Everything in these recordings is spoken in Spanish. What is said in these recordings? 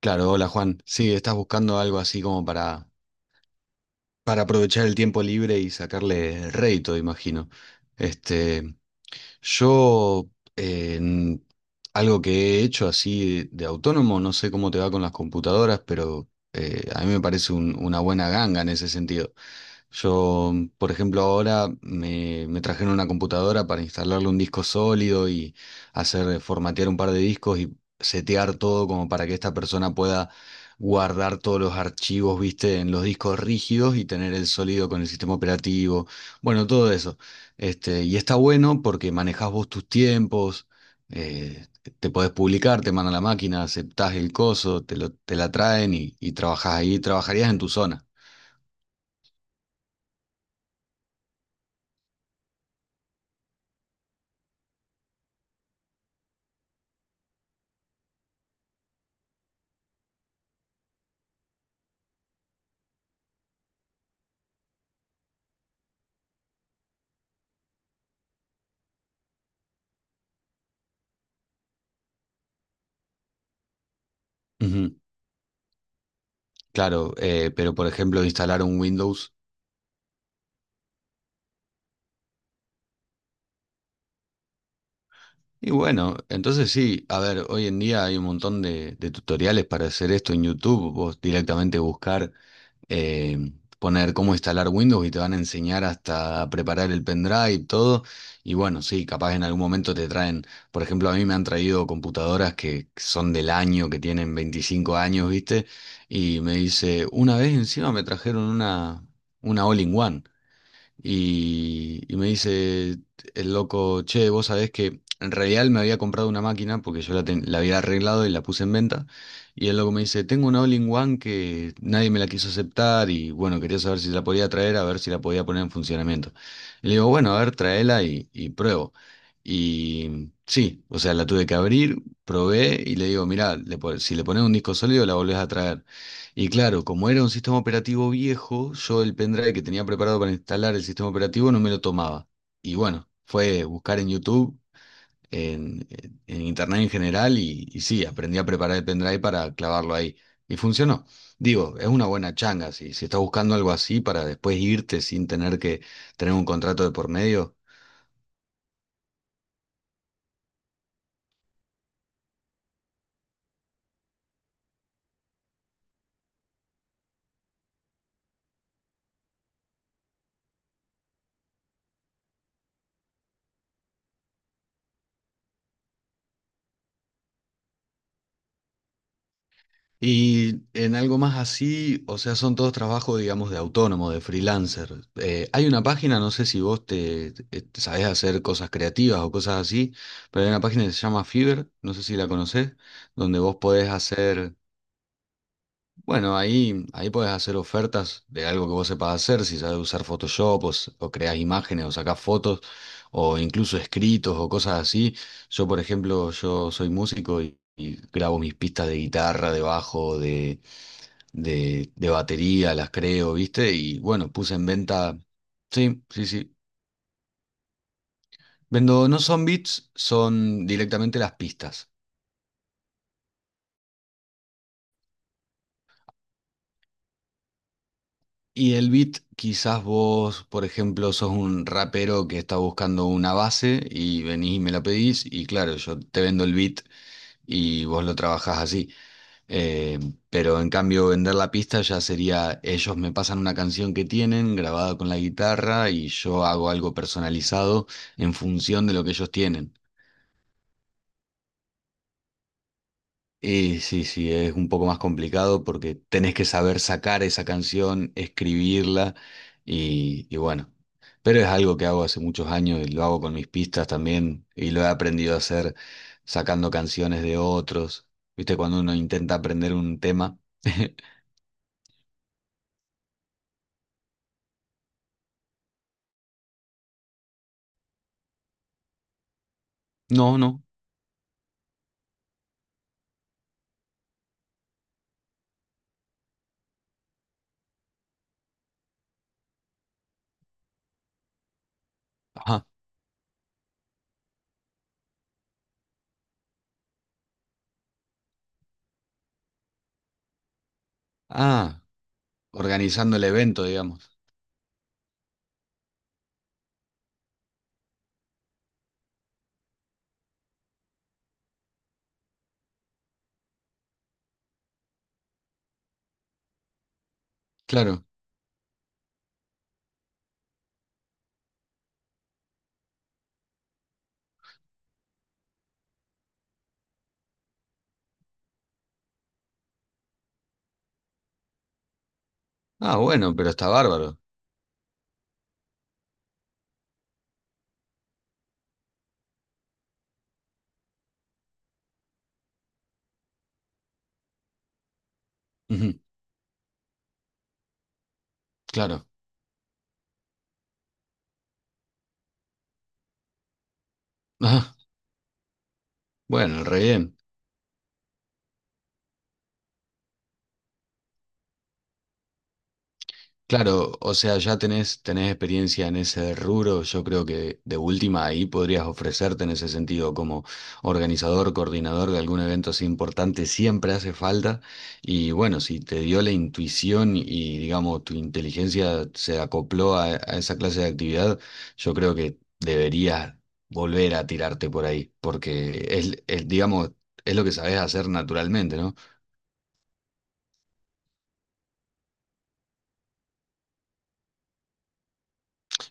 Claro, hola Juan. Sí, estás buscando algo así como para aprovechar el tiempo libre y sacarle rédito, imagino. Este, yo, en algo que he hecho así de autónomo, no sé cómo te va con las computadoras, pero a mí me parece una buena ganga en ese sentido. Yo, por ejemplo, ahora me trajeron una computadora para instalarle un disco sólido y hacer formatear un par de discos y setear todo como para que esta persona pueda guardar todos los archivos, viste, en los discos rígidos y tener el sólido con el sistema operativo. Bueno, todo eso. Este, y está bueno porque manejás vos tus tiempos, eh, te podés publicar, te mandan la máquina, aceptás el coso, te la traen y trabajás ahí, trabajarías en tu zona. Ujú. Claro, pero por ejemplo, instalar un Windows. Y bueno, entonces sí, a ver, hoy en día hay un montón de tutoriales para hacer esto en YouTube. Vos directamente buscar, eh, poner cómo instalar Windows y te van a enseñar hasta preparar el pendrive, todo. Y bueno, sí, capaz en algún momento te traen, por ejemplo, a mí me han traído computadoras que son del año, que tienen 25 años, ¿viste? Y me dice, una vez encima me trajeron una All-in-One. Y me dice el loco, che, vos sabés que en realidad él me había comprado una máquina porque yo la había arreglado y la puse en venta. Y el loco me dice, tengo una All-in-One que nadie me la quiso aceptar y bueno, quería saber si la podía traer, a ver si la podía poner en funcionamiento. Y le digo, bueno, a ver, traela y pruebo. Y sí, o sea, la tuve que abrir, probé y le digo, mirá, si le pones un disco sólido la volvés a traer. Y claro, como era un sistema operativo viejo, yo el pendrive que tenía preparado para instalar el sistema operativo no me lo tomaba. Y bueno, fue buscar en YouTube, en internet en general, y sí, aprendí a preparar el pendrive para clavarlo ahí. Y funcionó. Digo, es una buena changa, si estás buscando algo así para después irte sin tener que tener un contrato de por medio. Y en algo más así, o sea, son todos trabajos, digamos, de autónomo, de freelancer. Hay una página, no sé si vos te sabés hacer cosas creativas o cosas así, pero hay una página que se llama Fiverr, no sé si la conocés, donde vos podés hacer, bueno, ahí podés hacer ofertas de algo que vos sepas hacer, si sabés usar Photoshop o creás imágenes o sacás fotos o incluso escritos o cosas así. Yo, por ejemplo, yo soy músico y grabo mis pistas de guitarra, de bajo, de batería, las creo, ¿viste? Y bueno, puse en venta. Sí, sí, sí. Vendo, no son beats, son directamente las pistas. Y el beat, quizás vos, por ejemplo, sos un rapero que está buscando una base y venís y me la pedís, y claro, yo te vendo el beat y vos lo trabajás así. Eh, pero en cambio, vender la pista ya sería, ellos me pasan una canción que tienen grabada con la guitarra y yo hago algo personalizado en función de lo que ellos tienen. Y sí, sí, es un poco más complicado porque tenés que saber sacar esa canción, escribirla y bueno. Pero es algo que hago hace muchos años y lo hago con mis pistas también y lo he aprendido a hacer sacando canciones de otros. ¿Viste? Cuando uno intenta aprender un tema. No, no. Ajá. Ah, organizando el evento, digamos. Claro. Ah, bueno, pero está bárbaro. Ujú. Claro. Ah, bueno, re bien. Claro, o sea, ya tenés, tenés experiencia en ese rubro, yo creo que de última ahí podrías ofrecerte en ese sentido como organizador, coordinador de algún evento así importante, siempre hace falta. Y bueno, si te dio la intuición y digamos tu inteligencia se acopló a esa clase de actividad, yo creo que deberías volver a tirarte por ahí, porque digamos, es lo que sabes hacer naturalmente, ¿no?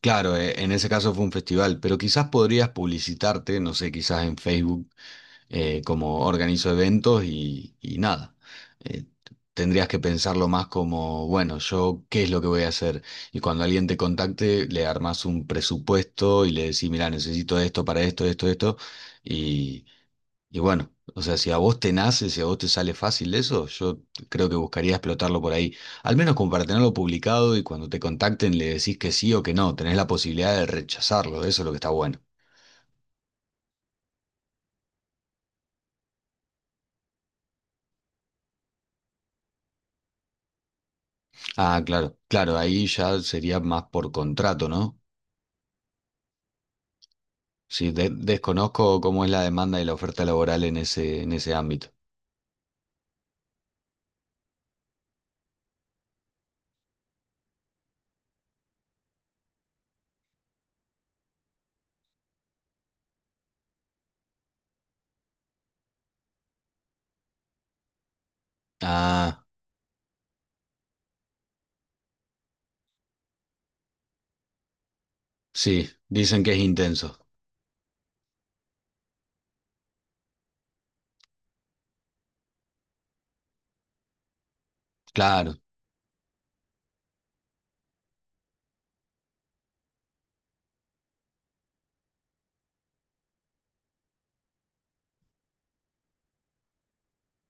Claro, en ese caso fue un festival, pero quizás podrías publicitarte, no sé, quizás en Facebook como organizo eventos y nada. Eh, Tendrías que pensarlo más como, bueno, yo qué es lo que voy a hacer. Y cuando alguien te contacte, le armas un presupuesto y le decís, mira, necesito esto para esto, esto, esto, y bueno, o sea, si a vos te nace, si a vos te sale fácil eso, yo creo que buscaría explotarlo por ahí. Al menos como para tenerlo publicado y cuando te contacten le decís que sí o que no, tenés la posibilidad de rechazarlo, eso es lo que está bueno. Ah, claro, claro, ahí ya sería más por contrato, ¿no? Sí, desconozco cómo es la demanda y la oferta laboral en ese ámbito. Ah, sí, dicen que es intenso. Claro,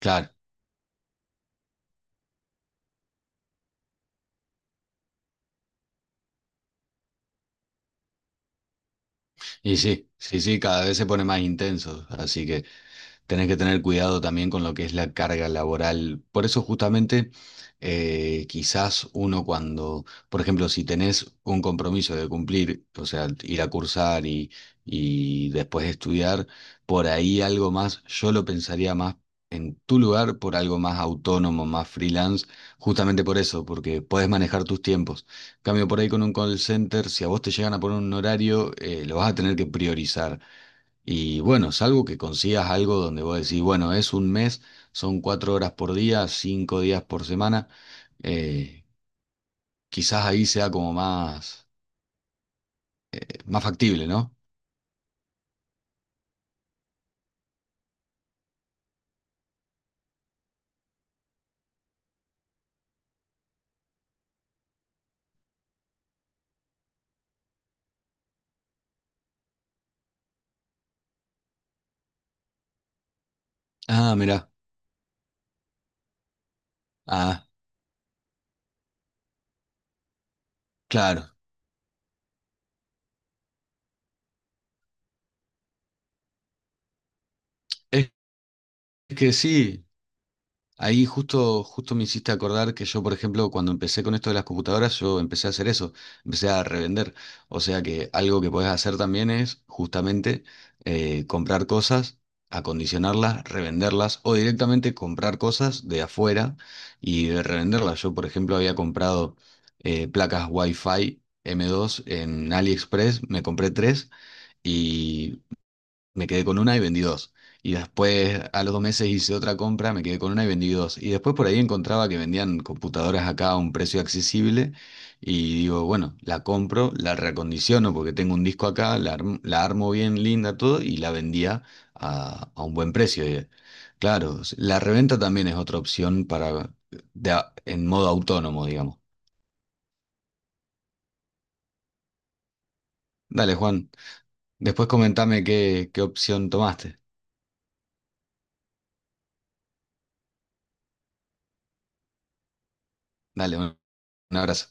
claro. Y sí, sí, sí, cada vez se pone más intenso, así que… Tenés que tener cuidado también con lo que es la carga laboral. Por eso justamente quizás uno cuando, por ejemplo, si tenés un compromiso de cumplir, o sea, ir a cursar y después estudiar, por ahí algo más, yo lo pensaría más en tu lugar por algo más autónomo, más freelance, justamente por eso, porque podés manejar tus tiempos. Cambio por ahí con un call center, si a vos te llegan a poner un horario, lo vas a tener que priorizar. Y bueno, salvo que consigas algo donde vos decís, bueno, es 1 mes, son 4 horas por día, 5 días por semana, eh, quizás ahí sea como más factible, ¿no? Ah, mirá. Ah, claro. Es que sí, ahí justo, justo me hiciste acordar que yo, por ejemplo, cuando empecé con esto de las computadoras, yo empecé a hacer eso, empecé a revender. O sea que algo que podés hacer también es justamente comprar cosas, acondicionarlas, revenderlas o directamente comprar cosas de afuera y revenderlas. Yo, por ejemplo, había comprado placas Wi-Fi M2 en AliExpress, me compré tres, me quedé con una y vendí dos. Y después a los 2 meses hice otra compra, me quedé con una y vendí dos. Y después por ahí encontraba que vendían computadoras acá a un precio accesible y digo, bueno, la compro, la reacondiciono porque tengo un disco acá, la armo bien linda, todo y la vendía a un buen precio. Y, claro, la reventa también es otra opción para en modo autónomo, digamos. Dale, Juan, después comentame qué, qué opción tomaste. Dale, un abrazo.